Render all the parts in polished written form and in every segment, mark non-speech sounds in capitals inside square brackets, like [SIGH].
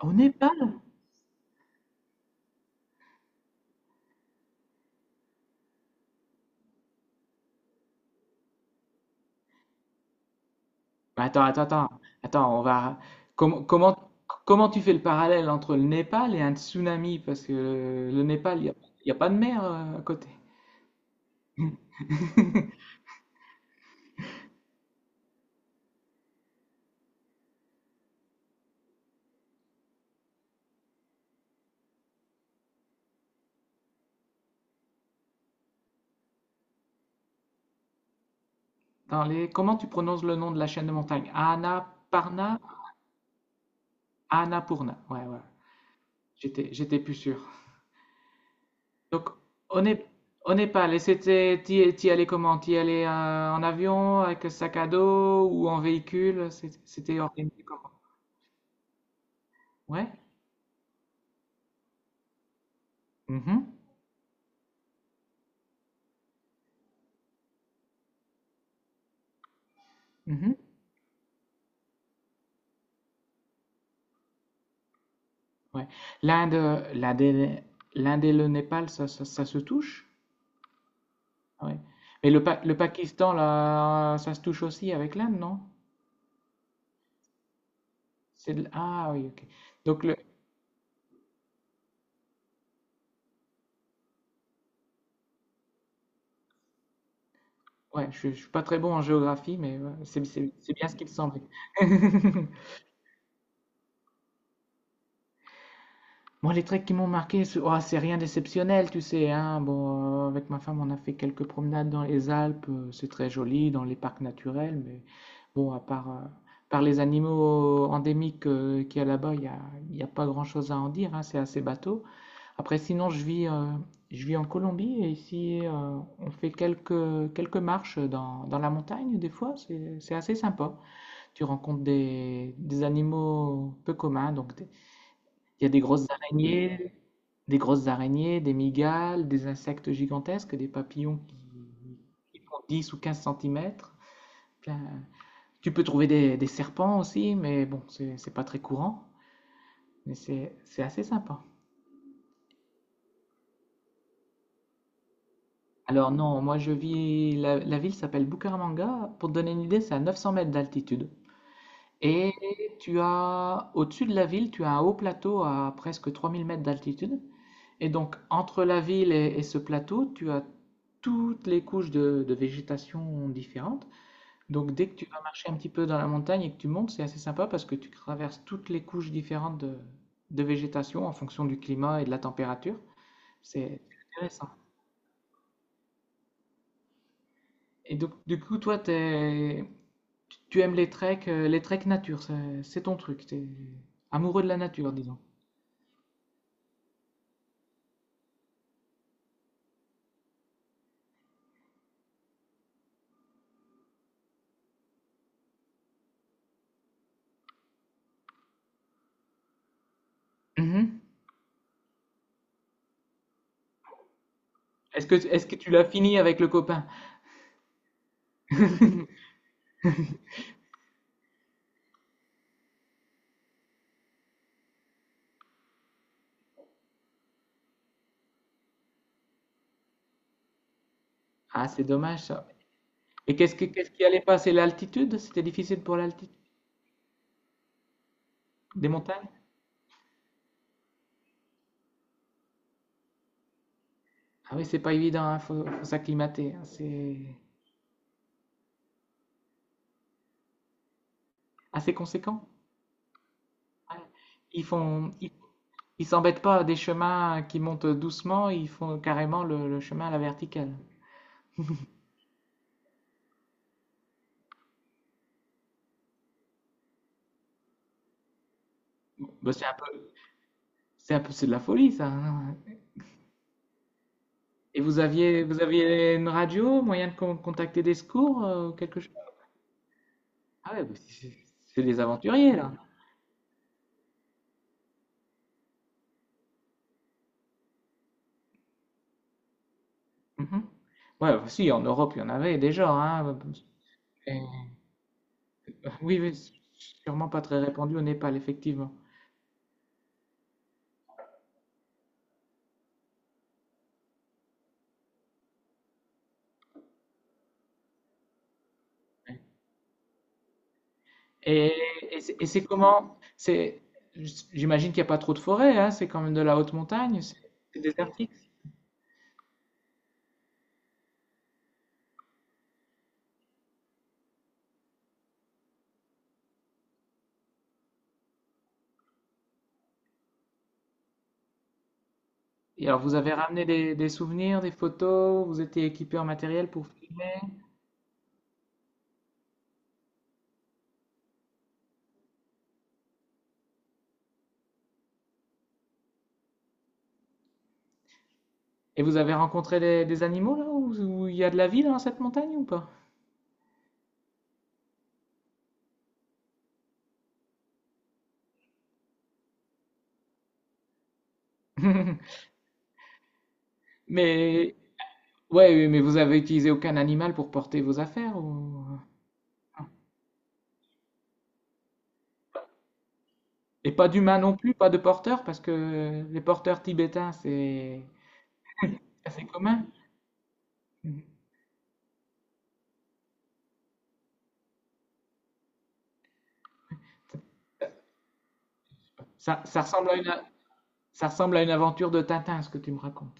Au Népal? Attends, attends, attends. Attends, on va. Comment, comment, comment tu fais le parallèle entre le Népal et un tsunami? Parce que le Népal, il y a pas de mer à côté. Dans les... Comment tu prononces le nom de la chaîne de montagne? Annapurna? Annapurna. Ouais, ouais. J'étais plus sûr. Donc, au Nép- au Népal, et c'était, t'y allais comment? T'y allais en avion, avec sac à dos ou en véhicule? C'était organisé comment? Ouais? Mhm, mhm. Ouais. L'Inde et l'Inde et le Népal, ça se touche? Ah ouais. Mais le Pakistan, là, ça se touche aussi avec l'Inde, non? Ah oui, ok. Donc, le... je suis pas très bon en géographie, mais ouais, c'est bien ce qu'il me semblait. [LAUGHS] Moi, les trucs qui m'ont marqué, c'est c'est rien d'exceptionnel, tu sais, hein. Bon, avec ma femme, on a fait quelques promenades dans les Alpes, c'est très joli, dans les parcs naturels, mais bon, à part par les animaux endémiques qu'il y a là-bas, il y a pas grand-chose à en dire, hein, c'est assez bateau. Après, sinon, je vis en Colombie, et ici, on fait quelques marches dans, dans la montagne, des fois, c'est assez sympa. Tu rencontres des animaux peu communs, il y a des grosses araignées, des grosses araignées, des migales, des insectes gigantesques, des papillons qui font 10 ou 15 centimètres. Plein- Tu peux trouver des serpents aussi, mais bon, c'est pas très courant, mais c'est assez sympa. Alors non, moi je vis, la ville s'appelle Bucaramanga, pour te donner une idée, c'est à 900 mètres d'altitude. Et tu as, au-dessus de la ville, tu as un haut plateau à presque 3000 mètres d'altitude. Et donc, entre la ville et ce plateau, tu as toutes les couches de végétation différentes. Donc, dès que tu vas marcher un petit peu dans la montagne et que tu montes, c'est assez sympa parce que tu traverses toutes les couches différentes de végétation en fonction du climat et de la température. C'est intéressant. Et donc, du coup, toi, tu aimes les treks nature, c'est ton truc. T'es amoureux de la nature, disons. Mhm. Est-ce que tu l'as fini avec le copain? [LAUGHS] Ah, c'est dommage ça. Et qu'est-ce qui allait pas? C'est l'altitude? C'était difficile pour l'altitude des montagnes? Ah oui, c'est pas évident. Faut s'acclimater, hein, c'est assez conséquent. Ouais. Ils font, ils, ils s'embêtent pas à des chemins qui montent doucement, ils font carrément le chemin à la verticale. Bon, bah, c'est de la folie, ça, hein. Et vous aviez une radio, moyen de contacter des secours, ou quelque chose? Ah ouais, bah, c'est des aventuriers là. Mhm. Ouais, bah, si, en Europe, il y en avait déjà, hein. Oui, oui, c'est sûrement pas très répandu au Népal, effectivement. Et, et c'est comment? C'est, j'imagine qu'il n'y a pas trop de forêts, hein, c'est quand même de la haute montagne, c'est désertique. Et alors, vous avez ramené des souvenirs, des photos, vous étiez équipé en matériel pour filmer, et vous avez rencontré des animaux là où où il y a de la vie dans cette montagne ou pas? [LAUGHS] Mais, ouais, oui, mais vous avez utilisé aucun animal pour porter vos affaires ou- Et pas d'humains non plus, pas de porteurs, parce que les porteurs tibétains, c'est assez commun. Ça, ça ressemble à une, ça ressemble à une aventure de Tintin, ce que tu me racontes.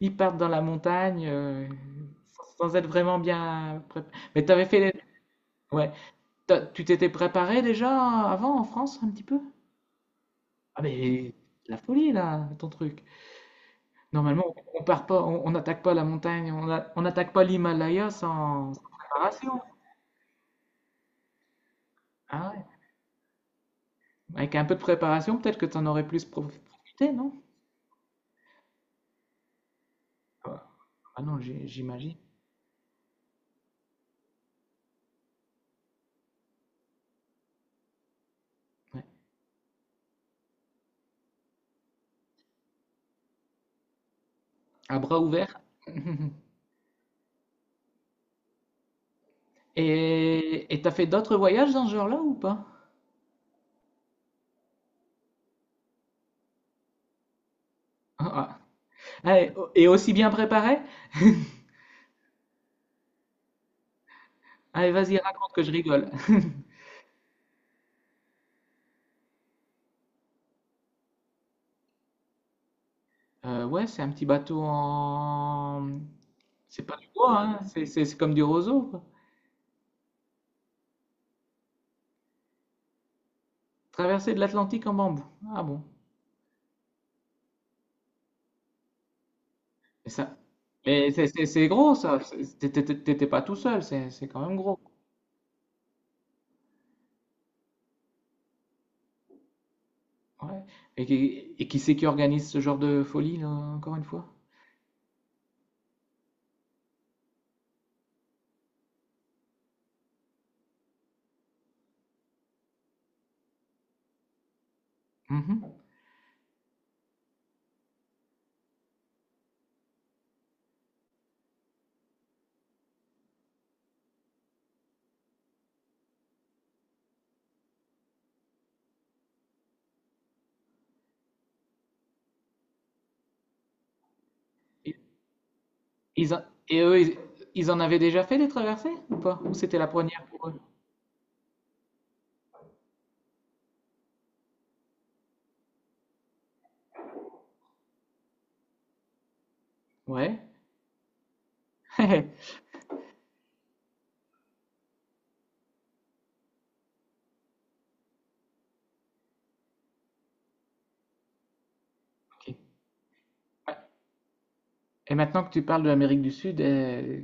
Ils partent dans la montagne sans- être vraiment bien préparés. Mais ouais. Tu t'étais préparé déjà avant en France un petit peu? Ah mais la folie là, ton truc. Normalement, on part pas, on n'attaque pas la montagne, on n'attaque pas l'Himalaya sans préparation. Ah ouais. Avec un peu de préparation, peut-être que tu en aurais plus profité, non? Ah ah non, j'imagine. Ouais. À bras ouverts. [LAUGHS] Et t'as fait d'autres voyages dans ce genre-là ou pas? Ah, ah. Ah, et aussi bien préparé? [LAUGHS] Allez, vas-y, raconte que je rigole. [LAUGHS] Ouais, c'est un petit bateau en... C'est pas du bois, hein, c'est comme du roseau, quoi. Traversée de l'Atlantique en bambou. Ah bon. Et ça... Mais c'est gros, ça. T'étais pas tout seul, c'est quand même gros. Ouais. Et, qui et qui c'est qui organise ce genre de folie, là, encore une fois? Mhm. Ils en- Et eux, ils... ils en avaient déjà fait des traversées ou pas? Ou c'était la première pour eux? Ouais. [LAUGHS] Ok. Et maintenant que tu parles de l'Amérique du Sud,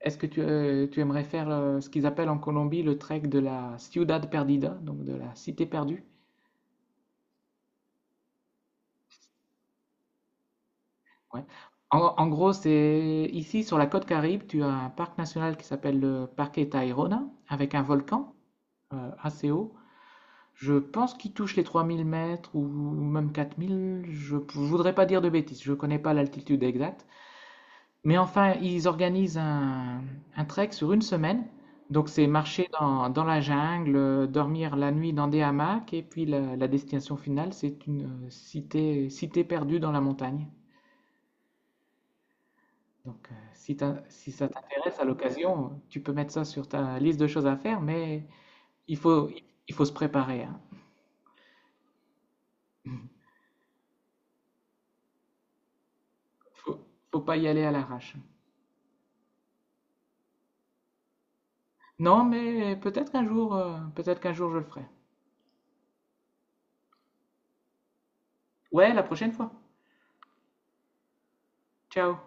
est-ce que tu aimerais faire ce qu'ils appellent en Colombie le trek de la Ciudad Perdida, donc de la cité perdue? Ouais. En gros, c'est ici sur la côte Caraïbe, tu as un parc national qui s'appelle le Parque Tayrona, avec un volcan assez haut. Je pense qu'il touche les 3000 mètres ou même 4000. Je ne voudrais pas dire de bêtises, je ne connais pas l'altitude exacte. Mais enfin, ils organisent un trek sur une semaine. Donc c'est marcher dans la jungle, dormir la nuit dans des hamacs, et puis la destination finale, c'est une cité perdue dans la montagne. Donc si ça t'intéresse à l'occasion, tu peux mettre ça sur ta liste de choses à faire, mais il faut, il faut se préparer, hein. Faut, faut pas y aller à l'arrache. Non, mais peut-être qu'un jour je le ferai. Ouais, la prochaine fois. Ciao.